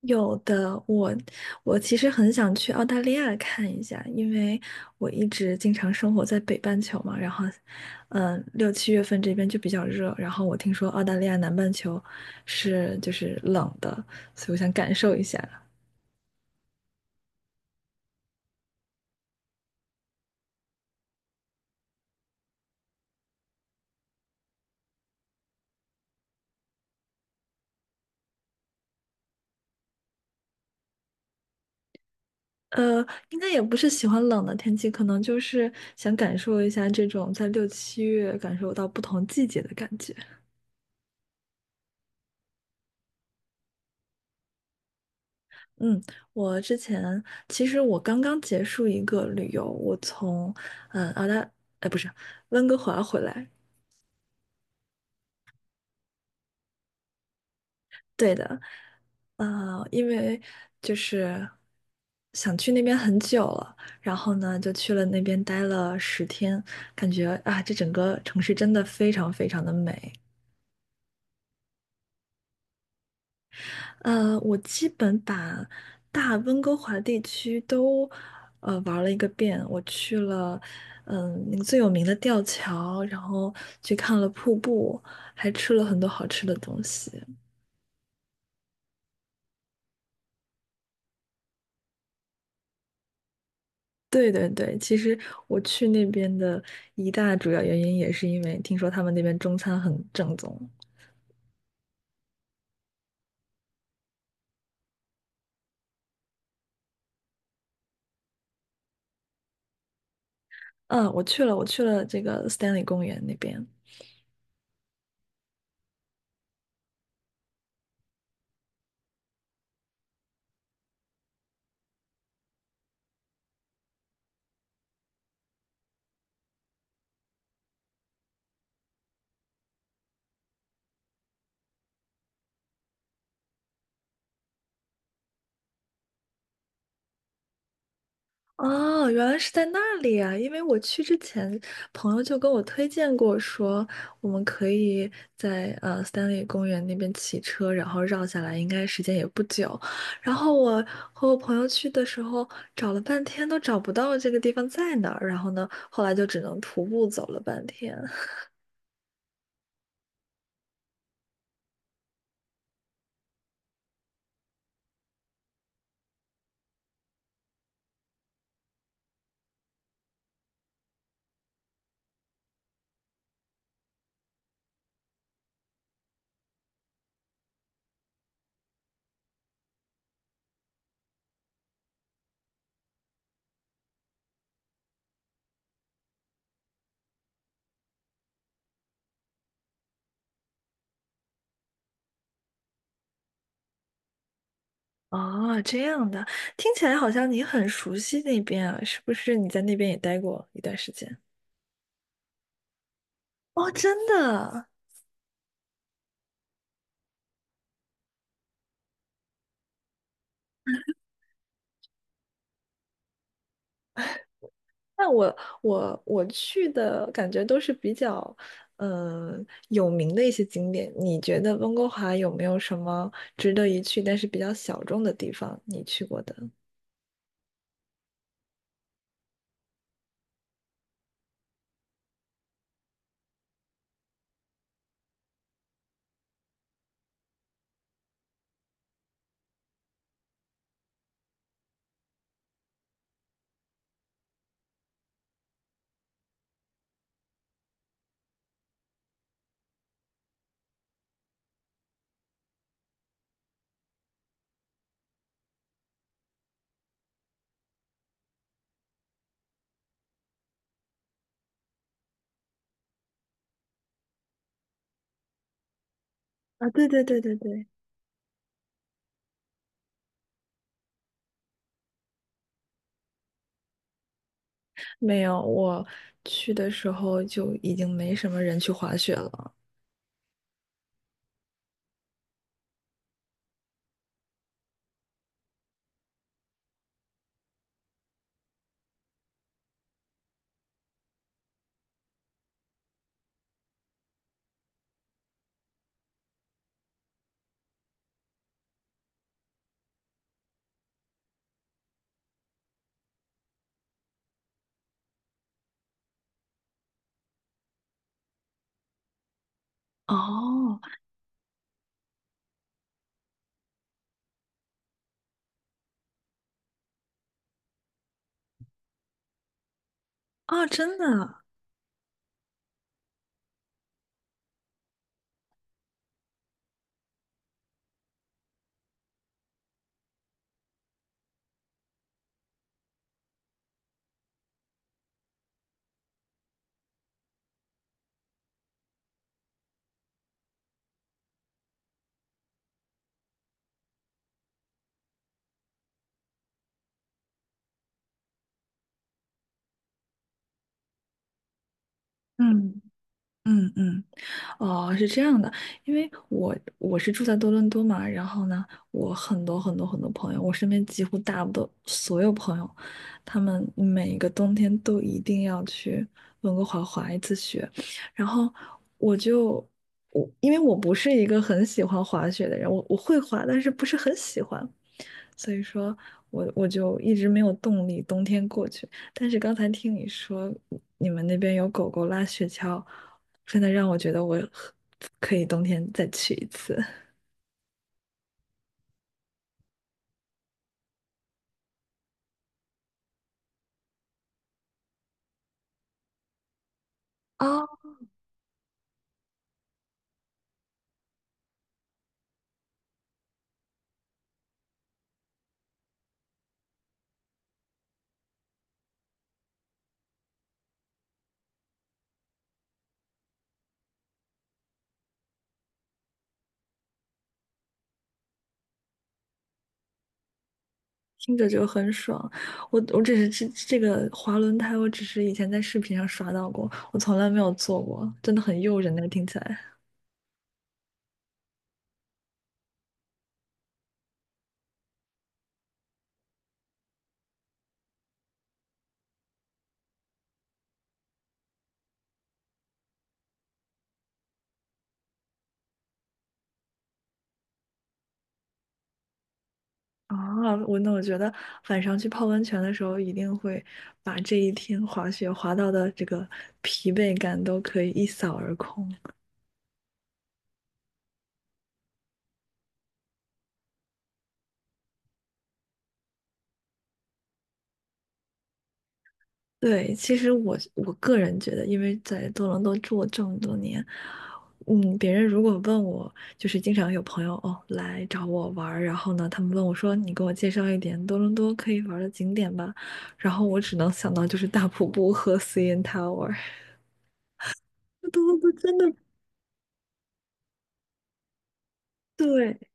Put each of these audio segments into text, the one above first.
有的，我其实很想去澳大利亚看一下，因为我一直经常生活在北半球嘛，六七月份这边就比较热，然后我听说澳大利亚南半球是冷的，所以我想感受一下。应该也不是喜欢冷的天气，可能就是想感受一下这种在六七月感受到不同季节的感觉。嗯，我之前其实我刚刚结束一个旅游，我从嗯澳大，哎不是温哥华回来，对的。呃，因为就是想去那边很久了，然后呢就去了那边待了十天，感觉啊这整个城市真的非常非常的美。我基本把大温哥华地区都玩了一个遍。我去了，嗯，那个最有名的吊桥，然后去看了瀑布，还吃了很多好吃的东西。对对对，其实我去那边的一大主要原因也是因为听说他们那边中餐很正宗。嗯，我去了这个 Stanley 公园那边。哦，原来是在那里啊！因为我去之前，朋友就跟我推荐过说，我们可以在三里公园那边骑车，然后绕下来，应该时间也不久。然后我和我朋友去的时候，找了半天都找不到这个地方在哪儿，然后呢，后来就只能徒步走了半天。哦，这样的，听起来好像你很熟悉那边啊，是不是？你在那边也待过一段时间？哦，真的。那我去的感觉都是比较，嗯、有名的一些景点。你觉得温哥华有没有什么值得一去，但是比较小众的地方？你去过的？啊，对对对对对，没有，我去的时候就已经没什么人去滑雪了。哦，啊，真的啊。嗯嗯嗯。哦，是这样的，因为我是住在多伦多嘛，然后呢，我很多很多很多朋友，我身边几乎大部分所有朋友，他们每一个冬天都一定要去温哥华滑一次雪，然后我就我因为我不是一个很喜欢滑雪的人，我会滑，但是不是很喜欢，所以说我就一直没有动力冬天过去。但是刚才听你说你们那边有狗狗拉雪橇，真的让我觉得我很可以冬天再去一次啊。听着就很爽。我我只是这这个滑轮胎，我只是以前在视频上刷到过，我从来没有坐过，真的很诱人那个听起来。啊，我那我觉得晚上去泡温泉的时候，一定会把这一天滑雪滑到的这个疲惫感都可以一扫而空。对，其实我个人觉得，因为在多伦多住了这么多年，嗯，别人如果问我，就是经常有朋友哦来找我玩儿，然后呢，他们问我说：“你给我介绍一点多伦多可以玩儿的景点吧。”然后我只能想到就是大瀑布和 CN Tower。多伦多真的对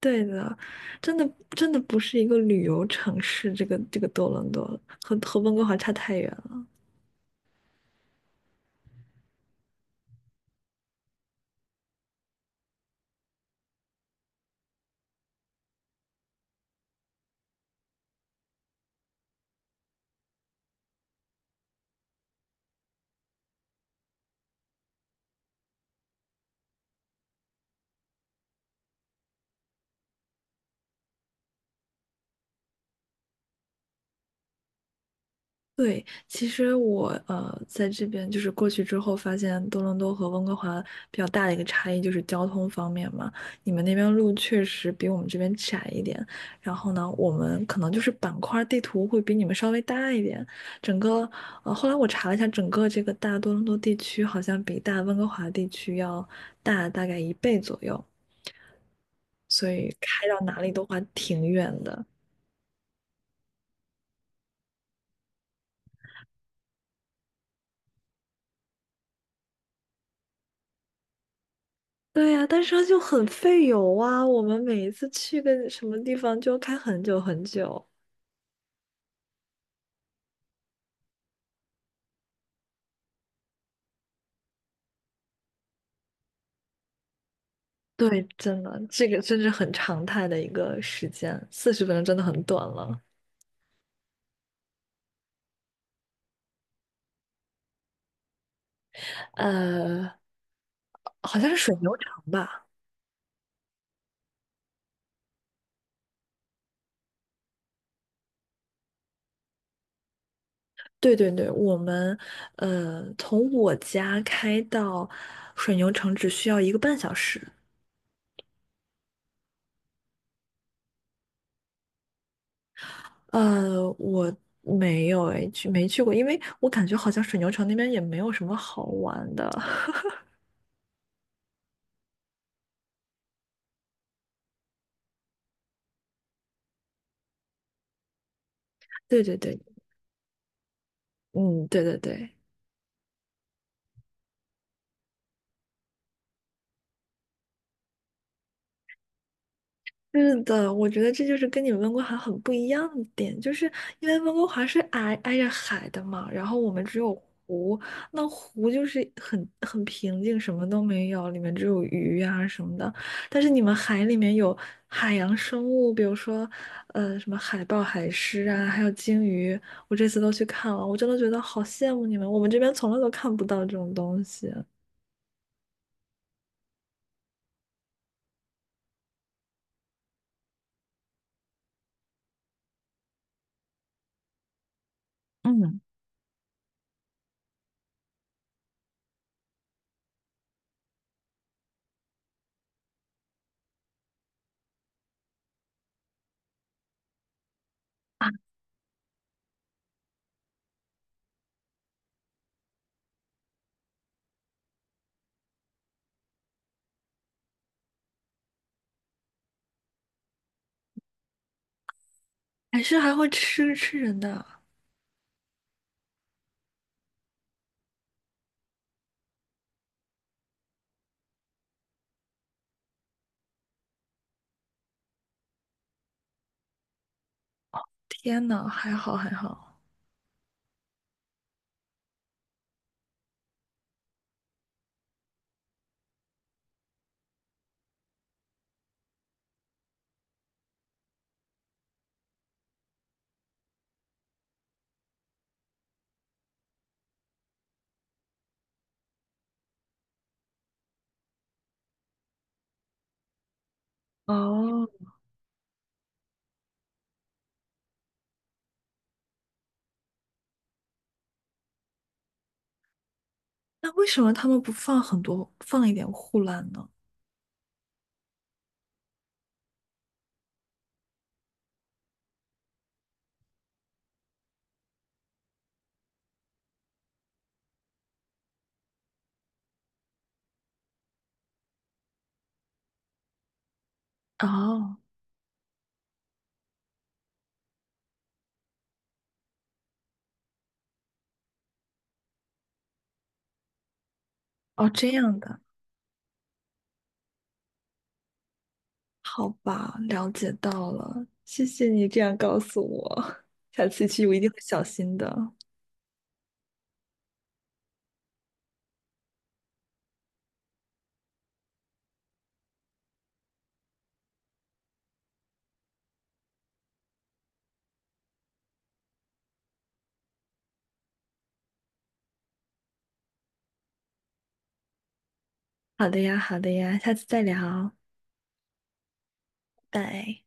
对的，真的真的不是一个旅游城市，这个这个多伦多和温哥华差太远了。对，其实我在这边就是过去之后，发现多伦多和温哥华比较大的一个差异就是交通方面嘛。你们那边路确实比我们这边窄一点，然后呢，我们可能就是板块地图会比你们稍微大一点。整个后来我查了一下，整个这个大多伦多地区好像比大温哥华地区要大大概一倍左右，所以开到哪里都还挺远的。对呀，但是它就很费油啊。我们每一次去个什么地方就开很久很久。对，真的，这个真是很常态的一个时间，四十分钟真的很短了。呃，好像是水牛城吧？对对对，我们从我家开到水牛城只需要一个半小时。我没有诶，去没去过，因为我感觉好像水牛城那边也没有什么好玩的。对对对，嗯，对对对。是的，我觉得这就是跟你们温哥华很不一样的点，就是因为温哥华是挨挨着海的嘛，然后我们只有湖，那湖就是很很平静，什么都没有，里面只有鱼啊什么的。但是你们海里面有海洋生物，比如说什么海豹、海狮啊，还有鲸鱼，我这次都去看了，我真的觉得好羡慕你们，我们这边从来都看不到这种东西。嗯，海狮还会吃人的，天呐，还好还好。哦，那为什么他们不放很多，放一点护栏呢？哦哦，这样的，好吧，了解到了，谢谢你这样告诉我。下次去我一定会小心的。好的呀，好的呀，下次再聊，拜。